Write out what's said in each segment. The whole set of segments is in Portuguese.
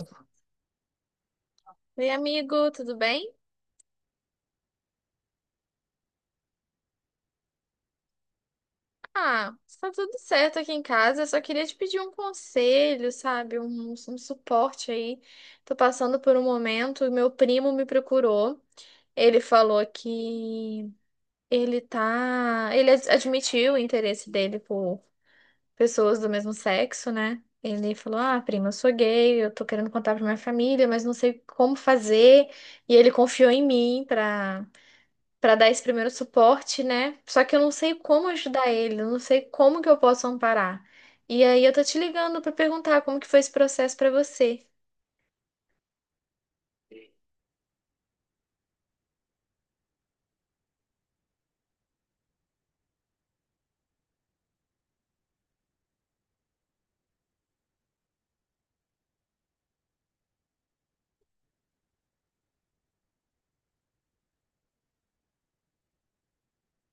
Oi, amigo, tudo bem? Ah, está tudo certo aqui em casa. Eu só queria te pedir um conselho, sabe? Um suporte aí. Tô passando por um momento, e meu primo me procurou. Ele falou que ele tá. Ele admitiu o interesse dele por pessoas do mesmo sexo, né? Ele falou: Ah, prima, eu sou gay, eu tô querendo contar pra minha família, mas não sei como fazer. E ele confiou em mim pra para dar esse primeiro suporte, né? Só que eu não sei como ajudar ele, eu não sei como que eu posso amparar. E aí eu tô te ligando para perguntar como que foi esse processo para você.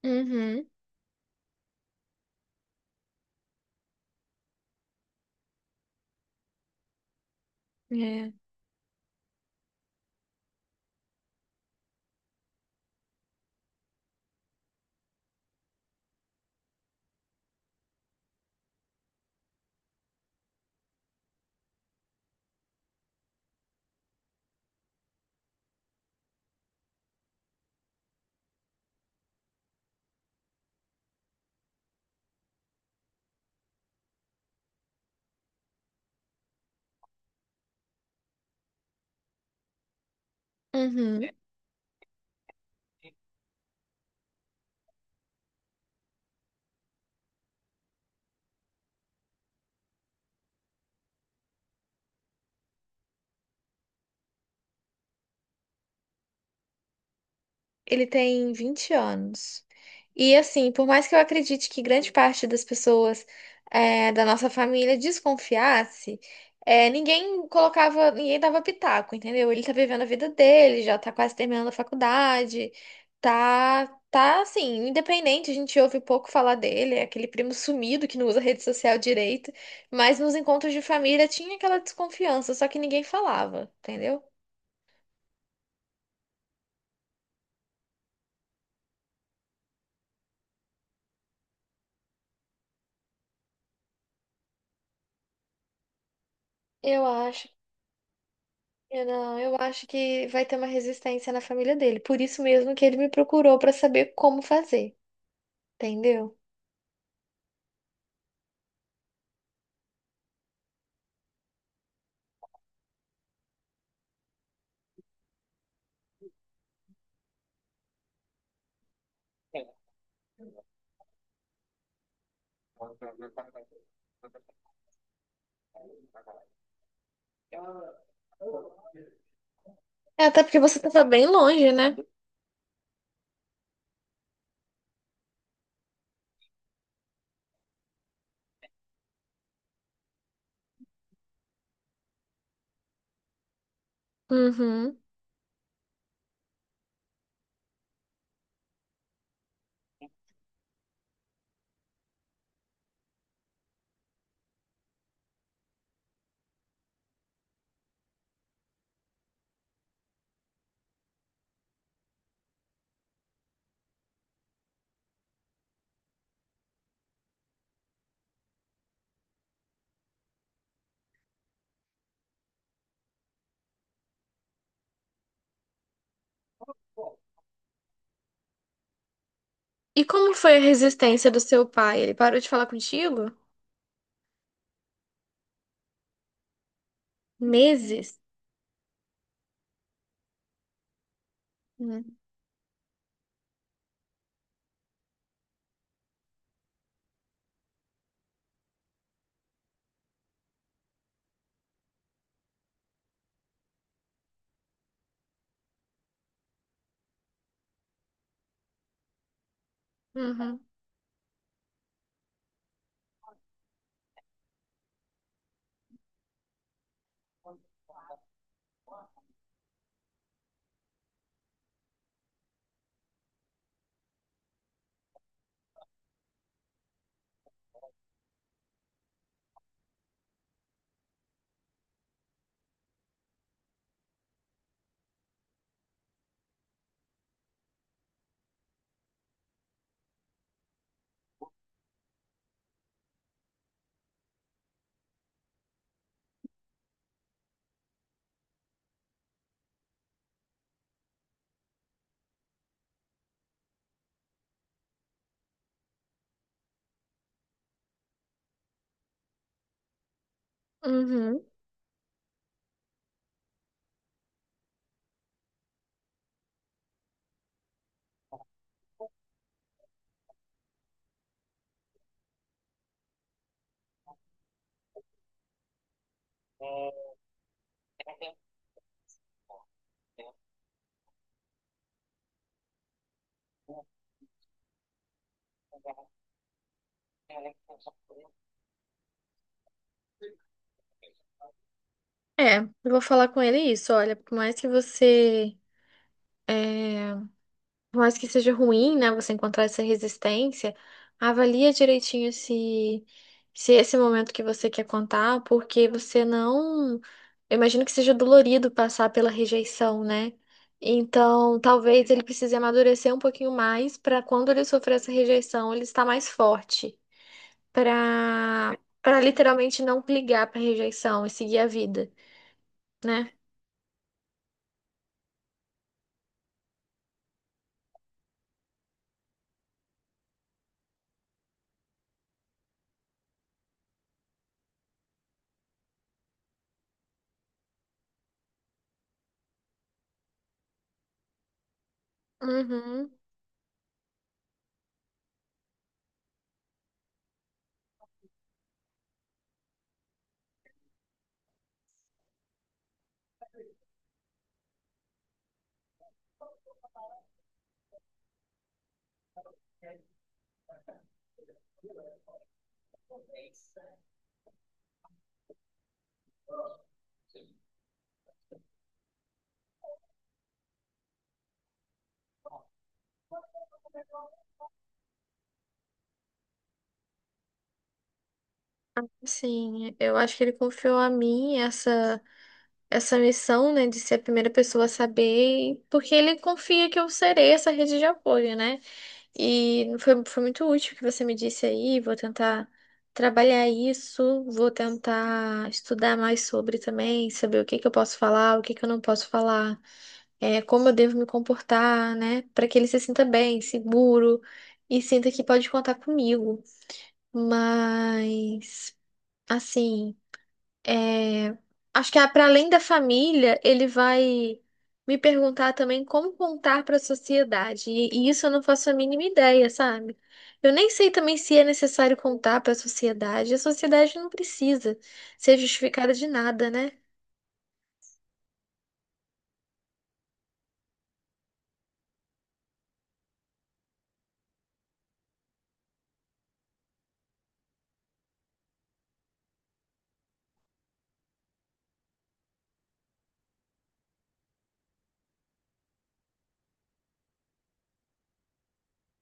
Uhum. É. Uhum. Ele tem 20 anos. E assim, por mais que eu acredite que grande parte das pessoas eh, da nossa família desconfiasse, eh, ninguém colocava, ninguém dava pitaco, entendeu? Ele tá vivendo a vida dele, já tá quase terminando a faculdade, tá assim, independente, a gente ouve pouco falar dele, é aquele primo sumido que não usa rede social direito, mas nos encontros de família tinha aquela desconfiança, só que ninguém falava, entendeu? Eu acho. Eu não, eu acho que vai ter uma resistência na família dele. Por isso mesmo que ele me procurou pra saber como fazer, entendeu? É, até porque você tava bem longe, né? Uhum. E como foi a resistência do seu pai? Ele parou de falar contigo? Meses? Uhum. Uhum. Uhum. É, eu vou falar com ele isso. Olha, por mais que você é, por mais que seja ruim, né, você encontrar essa resistência, avalia direitinho se é esse momento que você quer contar, porque você não, eu imagino que seja dolorido passar pela rejeição, né? Então, talvez ele precise amadurecer um pouquinho mais para quando ele sofrer essa rejeição, ele estar mais forte, para literalmente não ligar para rejeição e seguir a vida, né? Uhum. Sim, eu acho que ele confiou a mim essa missão, né, de ser a primeira pessoa a saber, porque ele confia que eu serei essa rede de apoio, né? E foi muito útil o que você me disse aí. Vou tentar trabalhar isso, vou tentar estudar mais sobre também, saber o que que eu posso falar, o que que eu não posso falar, é, como eu devo me comportar, né, para que ele se sinta bem, seguro e sinta que pode contar comigo. Mas, assim. É, acho que para além da família, ele vai me perguntar também como contar para a sociedade. E isso eu não faço a mínima ideia, sabe? Eu nem sei também se é necessário contar para a sociedade. A sociedade não precisa ser justificada de nada, né?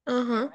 Aham.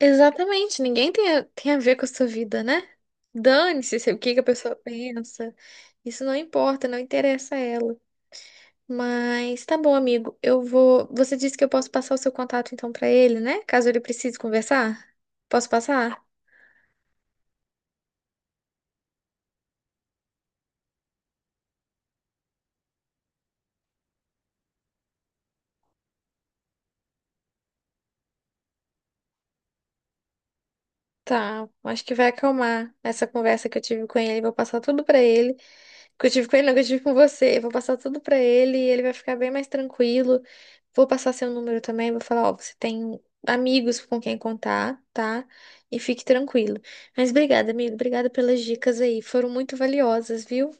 Exatamente, tem a ver com a sua vida, né? Dane-se se- o que que a pessoa pensa. Isso não importa, não interessa a ela. Mas tá bom, amigo. Eu vou. Você disse que eu posso passar o seu contato então pra ele, né? Caso ele precise conversar. Posso passar? Tá, acho que vai acalmar essa conversa que eu tive com ele. Vou passar tudo pra ele. Que eu tive com ele, não, que eu tive com você. Eu vou passar tudo pra ele, ele vai ficar bem mais tranquilo. Vou passar seu número também, vou falar, ó, você tem amigos com quem contar, tá? E fique tranquilo. Mas obrigada, amigo, obrigada pelas dicas aí, foram muito valiosas, viu?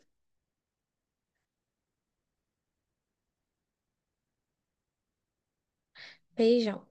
Beijão.